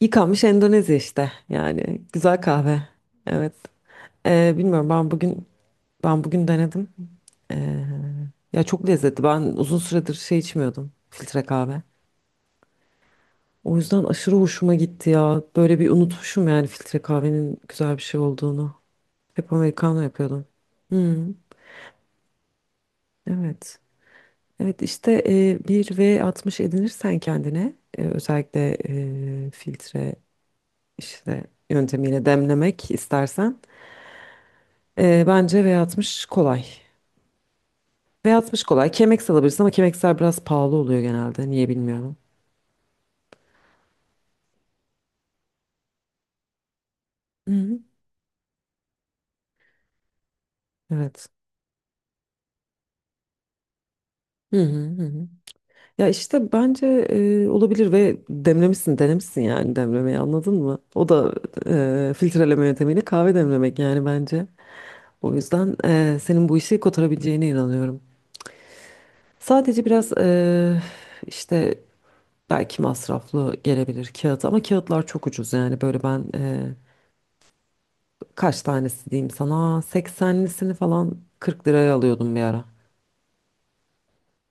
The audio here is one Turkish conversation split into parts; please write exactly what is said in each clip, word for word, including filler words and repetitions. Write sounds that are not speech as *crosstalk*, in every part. Yıkanmış Endonezya işte yani güzel kahve. Evet. Ee, bilmiyorum ben bugün ben bugün denedim. Ee, ya çok lezzetli. Ben uzun süredir şey içmiyordum filtre kahve. O yüzden aşırı hoşuma gitti ya. Böyle bir unutmuşum yani filtre kahvenin güzel bir şey olduğunu. Hep americano yapıyordum. Hmm, evet. Evet işte e, bir V altmış edinirsen kendine e, özellikle e, filtre işte yöntemiyle demlemek istersen. Ee, bence V altmış kolay. V altmış kolay. Kemex alabilirsin ama Kemex'ler biraz pahalı oluyor genelde. Niye bilmiyorum. Hı hı. Evet. Hı hı hı. Hı. Ya işte bence e, olabilir ve demlemişsin, denemişsin yani demlemeyi anladın mı? O da e, filtreleme yöntemiyle kahve demlemek yani bence. O yüzden e, senin bu işi kotarabileceğine inanıyorum. Sadece biraz e, işte belki masraflı gelebilir kağıt ama kağıtlar çok ucuz yani böyle ben e, kaç tanesi diyeyim sana seksenlisini falan kırk liraya alıyordum bir ara.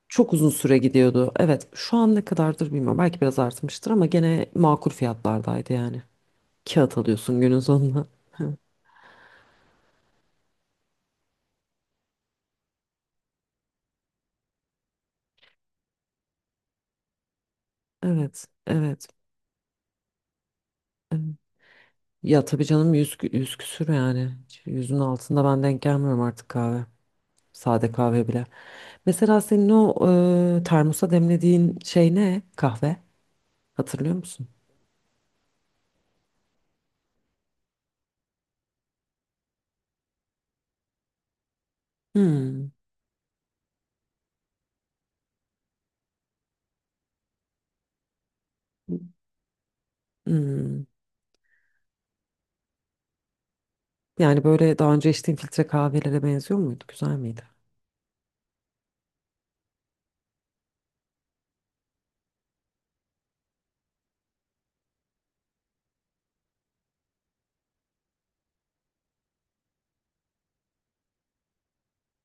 Çok uzun süre gidiyordu. Evet, şu an ne kadardır bilmiyorum. Belki biraz artmıştır ama gene makul fiyatlardaydı yani. Kağıt alıyorsun günün sonunda. Evet, evet. Ya tabii canım yüz, kü- yüz küsür yani. Yüzün altında ben denk gelmiyorum artık kahve. Sade kahve bile. Mesela senin o e, termosa demlediğin şey ne? Kahve. Hatırlıyor musun? Hmm, hmm. Yani böyle daha önce içtiğin filtre kahvelere benziyor muydu? Güzel miydi?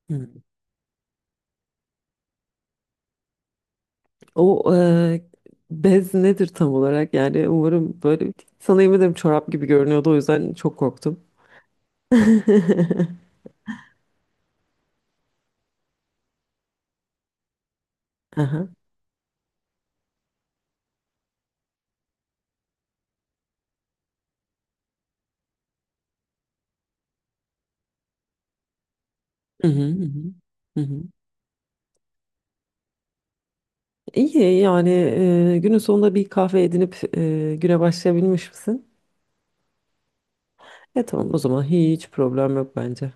Hmm. O e, bez nedir tam olarak? Yani umarım böyle sana yemin ederim çorap gibi görünüyordu o yüzden çok korktum. *laughs* Aha. Hı hı, hı hı, hı hı. İyi yani e, günün sonunda bir kahve edinip e, güne başlayabilmiş misin? E tamam o zaman hiç problem yok bence.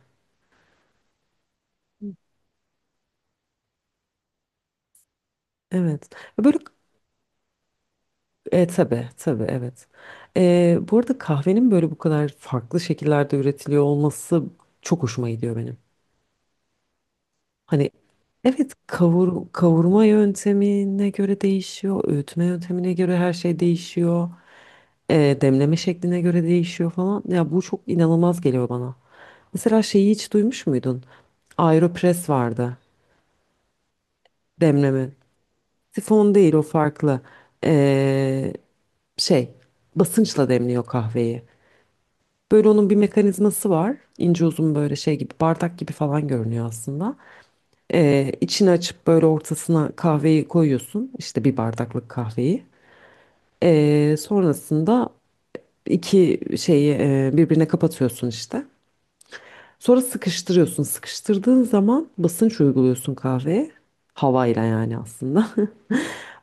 Evet. Böyle. E, tabii tabii evet. E, bu arada kahvenin böyle bu kadar farklı şekillerde üretiliyor olması çok hoşuma gidiyor benim. Hani evet kavur, kavurma yöntemine göre değişiyor, öğütme yöntemine göre her şey değişiyor. E, demleme şekline göre değişiyor falan. Ya bu çok inanılmaz geliyor bana. Mesela şeyi hiç duymuş muydun? Aeropress vardı. Demleme. Sifon değil o farklı. E, Şey basınçla demliyor kahveyi. Böyle onun bir mekanizması var. İnce uzun böyle şey gibi bardak gibi falan görünüyor aslında. Ee, içini açıp böyle ortasına kahveyi koyuyorsun. İşte bir bardaklık kahveyi. Ee, sonrasında iki şeyi e, birbirine kapatıyorsun işte. Sonra sıkıştırıyorsun. Sıkıştırdığın zaman basınç uyguluyorsun kahveye. Havayla yani aslında. *laughs*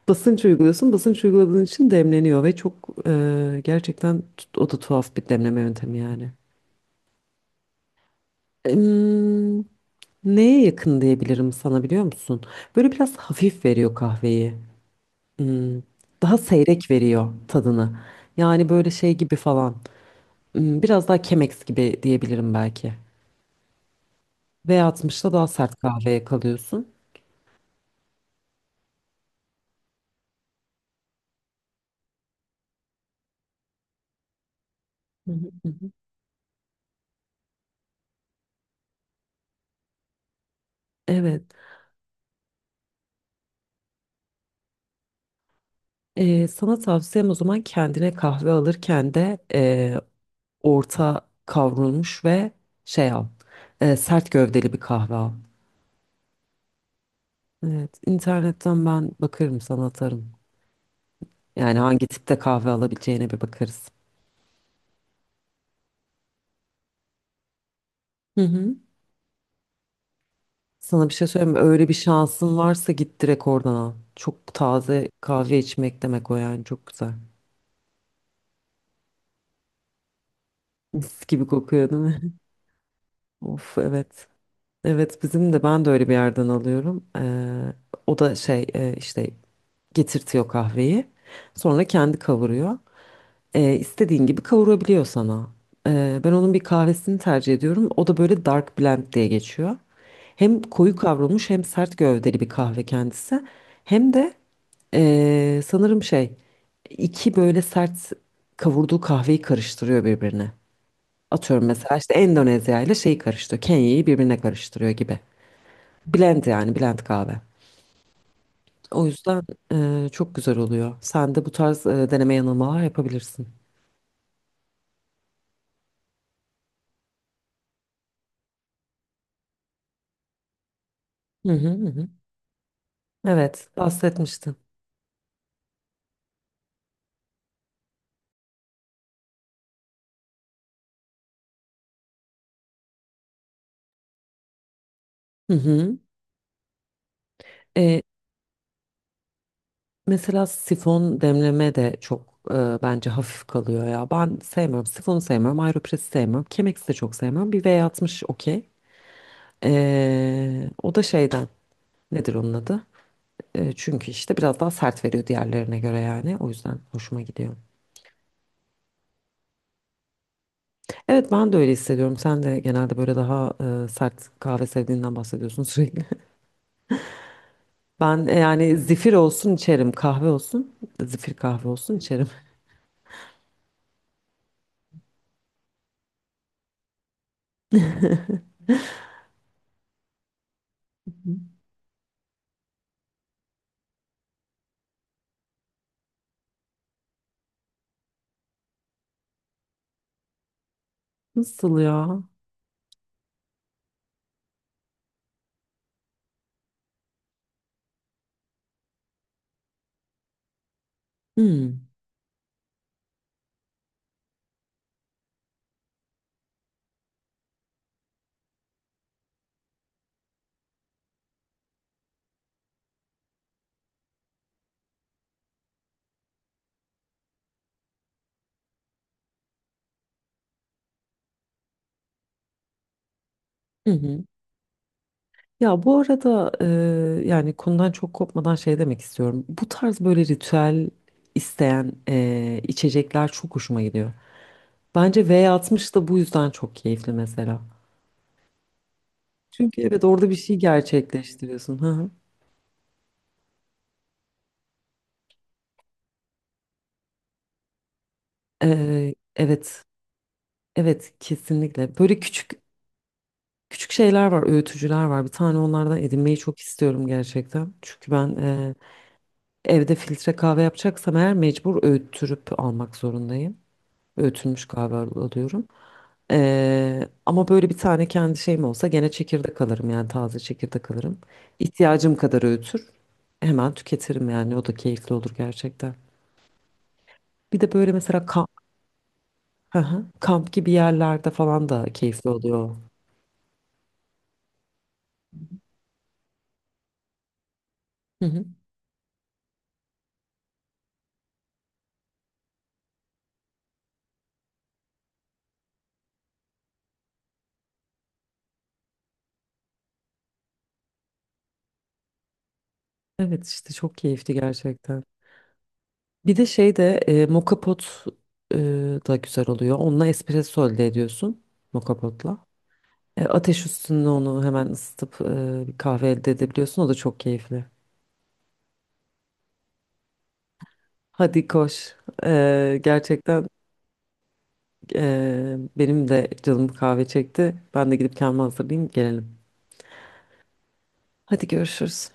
Basınç uyguluyorsun. Basınç uyguladığın için demleniyor ve çok e, gerçekten tut- o da tuhaf bir demleme yöntemi yani. Em, Neye yakın diyebilirim sana biliyor musun? Böyle biraz hafif veriyor kahveyi. Hmm, Daha seyrek veriyor tadını. Yani böyle şey gibi falan. Hmm, biraz daha Chemex gibi diyebilirim belki. V altmışta daha sert kahveye kalıyorsun. Hı hı, hı hı. Evet. Ee, sana tavsiyem o zaman kendine kahve alırken de e, orta kavrulmuş ve şey al. E, sert gövdeli bir kahve al. Evet. internetten ben bakarım sana atarım. Yani hangi tipte kahve alabileceğine bir bakarız. Hı hı. Sana bir şey söyleyeyim mi? Öyle bir şansın varsa git direkt oradan al. Çok taze kahve içmek demek o yani çok güzel. Mis gibi kokuyor değil mi? *laughs* Of evet. Evet bizim de ben de öyle bir yerden alıyorum. Ee, o da şey e, işte getirtiyor kahveyi. Sonra kendi kavuruyor. e, istediğin gibi kavurabiliyor sana. E, ben onun bir kahvesini tercih ediyorum. O da böyle dark blend diye geçiyor. Hem koyu kavrulmuş hem sert gövdeli bir kahve kendisi. Hem de e, sanırım şey iki böyle sert kavurduğu kahveyi karıştırıyor birbirine. Atıyorum mesela işte Endonezya ile şeyi karıştırıyor. Kenya'yı birbirine karıştırıyor gibi. Blend yani blend kahve. O yüzden e, çok güzel oluyor. Sen de bu tarz e, deneme yanılmalar yapabilirsin. Hı hı hı. Evet, bahsetmiştin. Hı hı. E, Mesela sifon demleme de çok e, bence hafif kalıyor ya. Ben sevmem. Sifonu sevmem. Aeropress'i sevmem. Chemex'i de çok sevmem. Bir V altmış okey. E, o da şeyden. Nedir onun adı? E, çünkü işte biraz daha sert veriyor diğerlerine göre yani. O yüzden hoşuma gidiyor. Evet ben de öyle hissediyorum. Sen de genelde böyle daha e, sert kahve sevdiğinden bahsediyorsun sürekli. *laughs* Ben e, yani zifir olsun içerim. Kahve olsun. Zifir kahve olsun içerim. *laughs* Nasıl ya? Hmm, Hı hı. Ya bu arada e, yani konudan çok kopmadan şey demek istiyorum. Bu tarz böyle ritüel isteyen e, içecekler çok hoşuma gidiyor. Bence V altmış da bu yüzden çok keyifli mesela. Çünkü evet orada bir şey gerçekleştiriyorsun. Hı hı. E, evet, evet kesinlikle. Böyle küçük küçük şeyler var, öğütücüler var. Bir tane onlardan edinmeyi çok istiyorum gerçekten. Çünkü ben e, evde filtre kahve yapacaksam eğer mecbur öğüttürüp almak zorundayım. Öğütülmüş galiba alıyorum. Ee, ama böyle bir tane kendi şeyim olsa gene çekirdek alırım yani taze çekirdek alırım. İhtiyacım kadar öğütür. Hemen tüketirim yani o da keyifli olur gerçekten. Bir de böyle mesela kamp, Hı hı. Kamp gibi yerlerde falan da keyifli oluyor. Hı hı. Evet işte çok keyifli gerçekten. Bir de şey de e, moka pot e, da güzel oluyor. Onunla espresso elde ediyorsun moka potla. E, ateş üstünde onu hemen ısıtıp e, bir kahve elde edebiliyorsun. O da çok keyifli. Hadi koş. Ee, gerçekten ee, benim de canım kahve çekti. Ben de gidip kendimi hazırlayayım gelelim. Hadi görüşürüz.